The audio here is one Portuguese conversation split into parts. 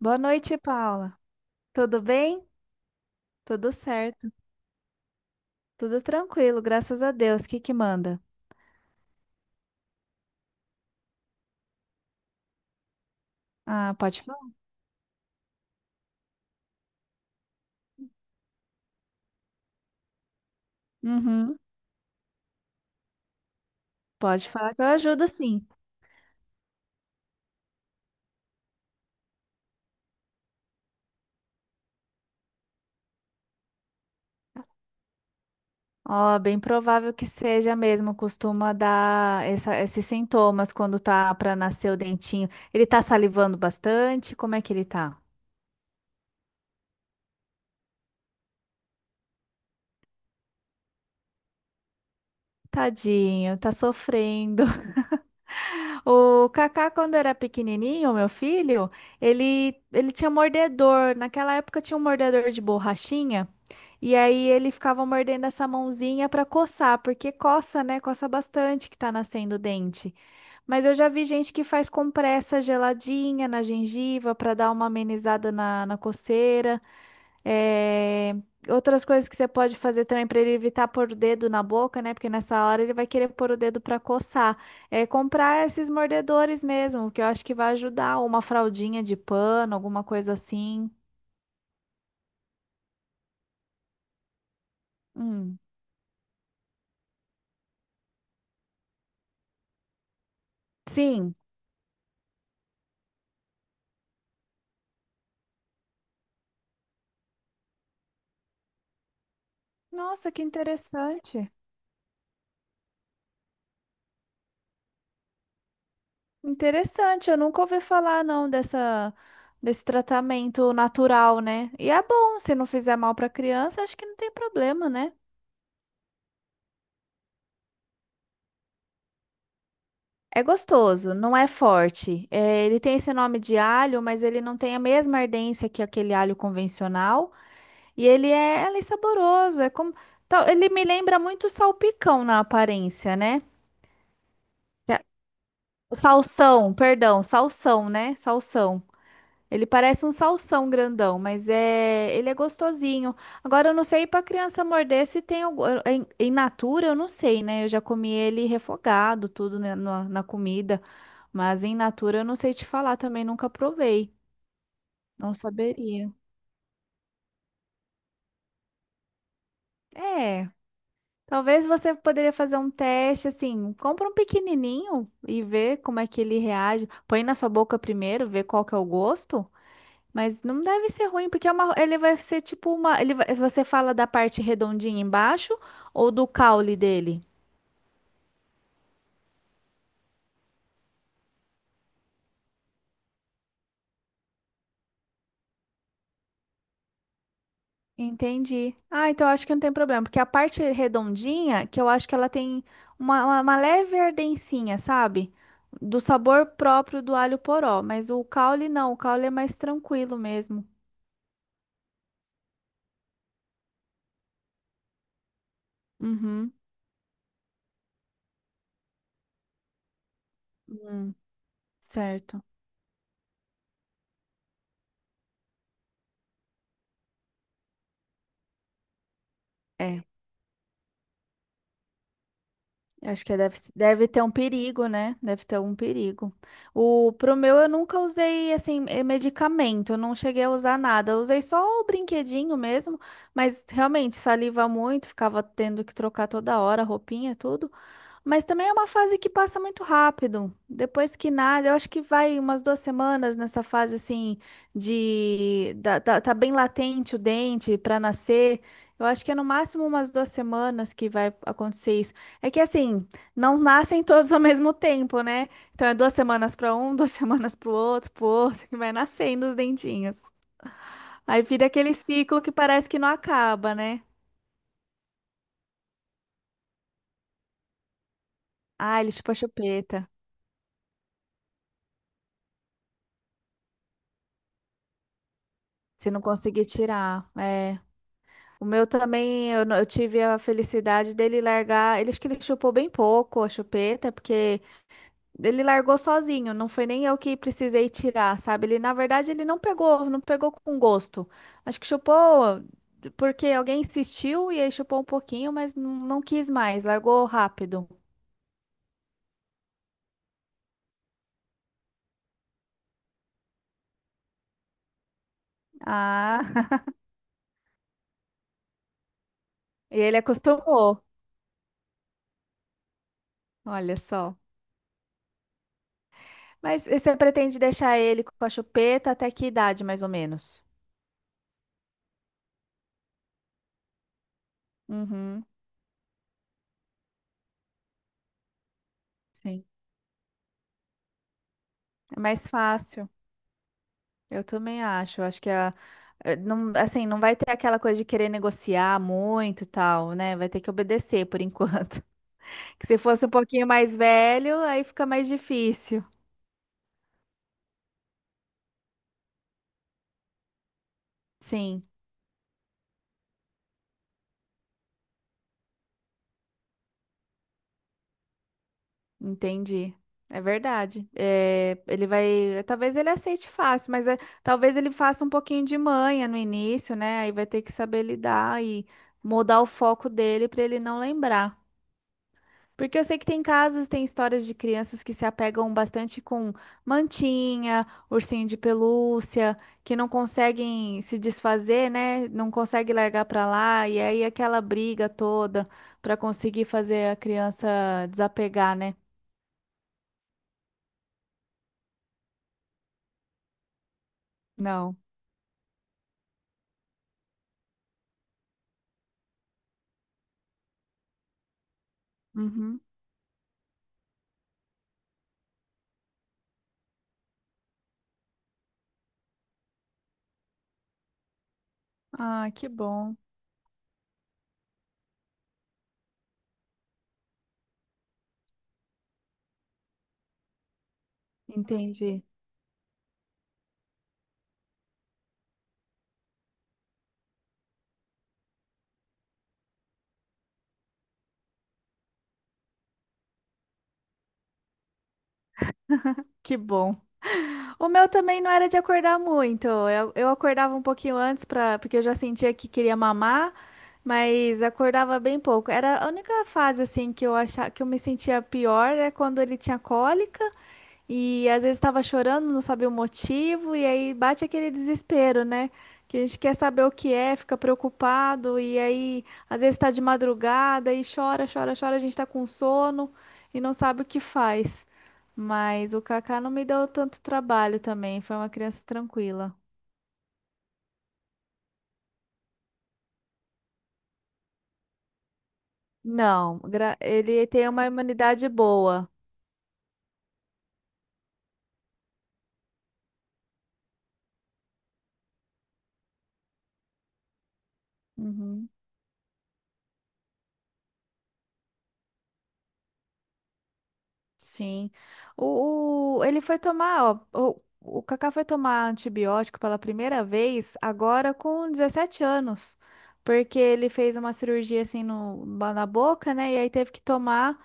Boa noite, Paula. Tudo bem? Tudo certo, tudo tranquilo, graças a Deus. O que que manda? Ah, pode falar? Uhum, pode falar que eu ajudo sim. Ó, bem provável que seja mesmo, costuma dar esses sintomas quando tá pra nascer o dentinho. Ele tá salivando bastante? Como é que ele tá? Tadinho, tá sofrendo. O Kaká, quando era pequenininho, meu filho, ele tinha mordedor. Naquela época tinha um mordedor de borrachinha. E aí ele ficava mordendo essa mãozinha para coçar, porque coça, né? Coça bastante que tá nascendo o dente. Mas eu já vi gente que faz compressa geladinha na gengiva para dar uma amenizada na coceira. É, outras coisas que você pode fazer também para ele evitar pôr o dedo na boca, né? Porque nessa hora ele vai querer pôr o dedo para coçar. É comprar esses mordedores mesmo, que eu acho que vai ajudar. Ou uma fraldinha de pano, alguma coisa assim. Hum. Sim. Nossa, que interessante. Interessante, eu nunca ouvi falar não dessa desse tratamento natural, né? E é bom, se não fizer mal para criança, acho que não tem problema, né? É gostoso, não é forte. É, ele tem esse nome de alho, mas ele não tem a mesma ardência que aquele alho convencional. E ele é saboroso, ele me lembra muito salpicão na aparência, né? é- Salsão, perdão, salsão, né? Salsão. Ele parece um salsão grandão, mas ele é gostosinho. Agora eu não sei para criança morder se tem algum, em natura, eu não sei, né? Eu já comi ele refogado, tudo né, na comida, mas em natura eu não sei te falar também, nunca provei. Não saberia. É, talvez você poderia fazer um teste assim, compra um pequenininho e vê como é que ele reage. Põe na sua boca primeiro, vê qual que é o gosto. Mas não deve ser ruim, porque ele vai ser tipo uma. Você fala da parte redondinha embaixo ou do caule dele? Entendi. Ah, então eu acho que não tem problema, porque a parte redondinha, que eu acho que ela tem uma leve ardencinha, sabe? Do sabor próprio do alho poró. Mas o caule não, o caule é mais tranquilo mesmo. Uhum. Hum, certo. É. Eu acho que deve ter um perigo, né? Deve ter um perigo. O, eu nunca usei, assim, medicamento. Eu não cheguei a usar nada. Eu usei só o brinquedinho mesmo. Mas, realmente, saliva muito. Ficava tendo que trocar toda hora, roupinha, tudo. Mas também é uma fase que passa muito rápido. Depois que nasce, eu acho que vai umas duas semanas nessa fase assim de tá bem latente o dente para nascer. Eu acho que é no máximo umas duas semanas que vai acontecer isso. É que assim, não nascem todos ao mesmo tempo, né? Então é duas semanas para um, duas semanas para o outro, que vai nascendo os dentinhos. Aí vira aquele ciclo que parece que não acaba, né? Ah, ele chupa a chupeta. Se não conseguir tirar, é. O meu também, eu, não- eu tive a felicidade dele largar. Ele acho que ele chupou bem pouco a chupeta, porque ele largou sozinho, não foi nem eu que precisei tirar, sabe? Ele, na verdade, ele não pegou, não pegou com gosto. Acho que chupou porque alguém insistiu e aí chupou um pouquinho, mas não, não quis mais, largou rápido. Ah, e ele acostumou, olha só. Mas e você pretende deixar ele com a chupeta até que idade, mais ou menos? Uhum, sim. É mais fácil. Eu também acho. Eu acho que não, assim, não vai ter aquela coisa de querer negociar muito e tal, né? Vai ter que obedecer por enquanto. Que se fosse um pouquinho mais velho, aí fica mais difícil. Sim, entendi. É verdade. Eh, ele vai. Talvez ele aceite fácil, talvez ele faça um pouquinho de manha no início, né? Aí vai ter que saber lidar e mudar o foco dele para ele não lembrar. Porque eu sei que tem casos, tem histórias de crianças que se apegam bastante com mantinha, ursinho de pelúcia, que não conseguem se desfazer, né? Não conseguem largar pra lá, e aí aquela briga toda pra conseguir fazer a criança desapegar, né? Não. Uhum. Ah, que bom. Entendi. Que bom. O meu também não era de acordar muito. Eu acordava um pouquinho antes para, porque eu já sentia que queria mamar, mas acordava bem pouco. Era a única fase assim que eu achava que eu me sentia pior é quando ele tinha cólica. E às vezes estava chorando, não sabia o motivo, e aí bate aquele desespero, né? Que a gente quer saber o que é, fica preocupado, e aí às vezes está de madrugada e chora, chora, chora, a gente está com sono e não sabe o que faz. Mas o Kaká não me deu tanto trabalho também, foi uma criança tranquila. Não, ele tem uma imunidade boa. Uhum. Sim. O- ele foi tomar, ó, o Kaká foi tomar antibiótico pela primeira vez agora com 17 anos, porque ele fez uma cirurgia assim no, na boca, né? E aí teve que tomar,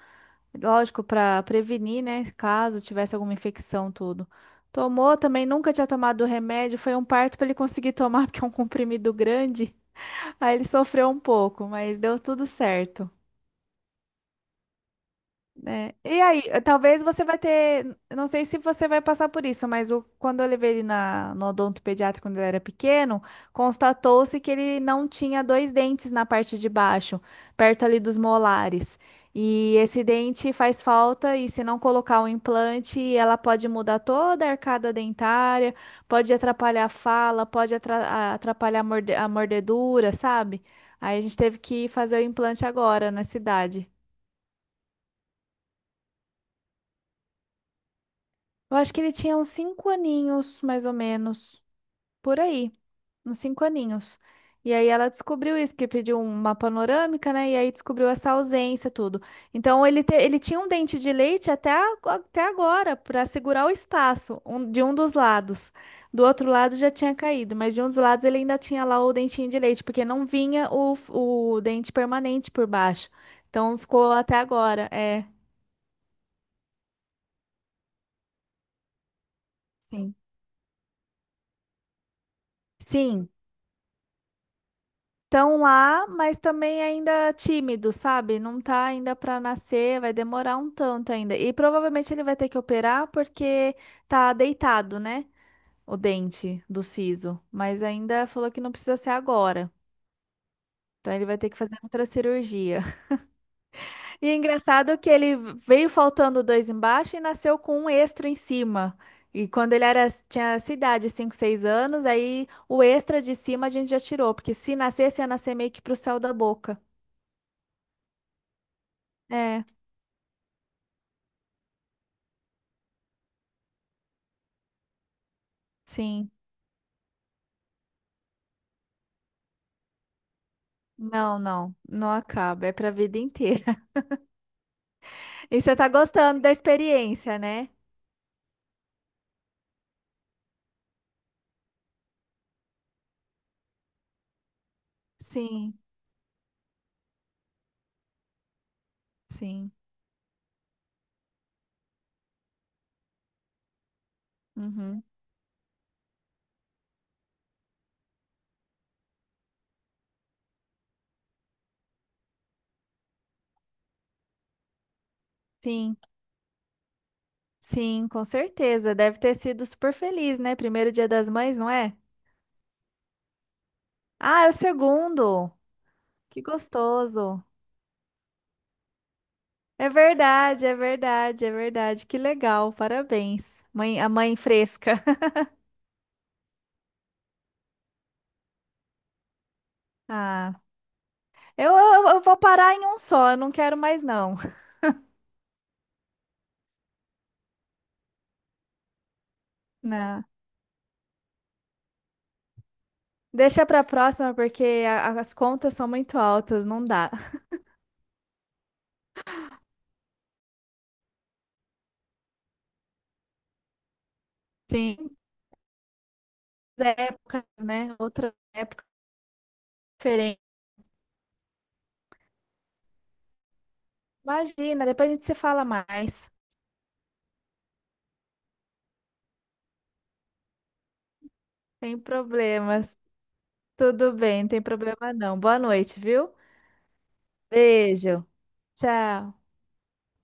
lógico, para prevenir, né? Caso tivesse alguma infecção, tudo. Tomou também, nunca tinha tomado o remédio, foi um parto para ele conseguir tomar, porque é um comprimido grande. Aí ele sofreu um pouco, mas deu tudo certo né? E aí, eh, talvez você vai ter, eu não sei se você vai passar por isso, mas quando eu levei ele no odontopediatra quando ele era pequeno, constatou-se que ele não tinha dois dentes na parte de baixo, perto ali dos molares. E esse dente faz falta, e se não colocar o implante, ela pode mudar toda a arcada dentária, pode atrapalhar a fala, pode atrapalhar a a mordedura, sabe? Aí a gente teve que fazer o implante agora na cidade. Eu acho que ele tinha uns 5 aninhos, mais ou menos, por aí, uns 5 aninhos. E aí ela descobriu isso, porque pediu uma panorâmica, né? E aí descobriu essa ausência, tudo. Então ele tinha um dente de leite até, até agora, para segurar o espaço de um dos lados. Do outro lado já tinha caído, mas de um dos lados ele ainda tinha lá o dentinho de leite, porque não vinha o dente permanente por baixo. Então ficou até agora, é. Sim. Sim. Estão lá, mas também ainda tímido, sabe? Não tá ainda para nascer, vai demorar um tanto ainda. E provavelmente ele vai ter que operar porque tá deitado, né? O dente do siso. Mas ainda falou que não precisa ser agora. Então ele vai ter que fazer outra cirurgia. E é engraçado que ele veio faltando dois embaixo e nasceu com um extra em cima. E quando ele era, tinha essa idade, 5, 6 anos, aí o extra de cima a gente já tirou, porque se nascesse, ia nascer meio que pro céu da boca. É. Sim. Não, não, não acaba, é pra vida inteira. E você tá gostando da experiência, né? Sim, sim. Uhum. Sim, sim, com certeza. Deve ter sido super feliz, né? Primeiro dia das mães, não é? Ah, é o segundo. Que gostoso. É verdade, é verdade, é verdade. Que legal. Parabéns. Mãe, a mãe fresca. Ah, eu vou parar em um só, eu não quero mais não. Não. Deixa pra próxima, porque as contas são muito altas, não dá. Sim, épocas, né? Outra época diferente. Imagina, depois a gente se fala mais. Sem problemas. Tudo bem, não tem problema não. Boa noite, viu? Beijo. Tchau.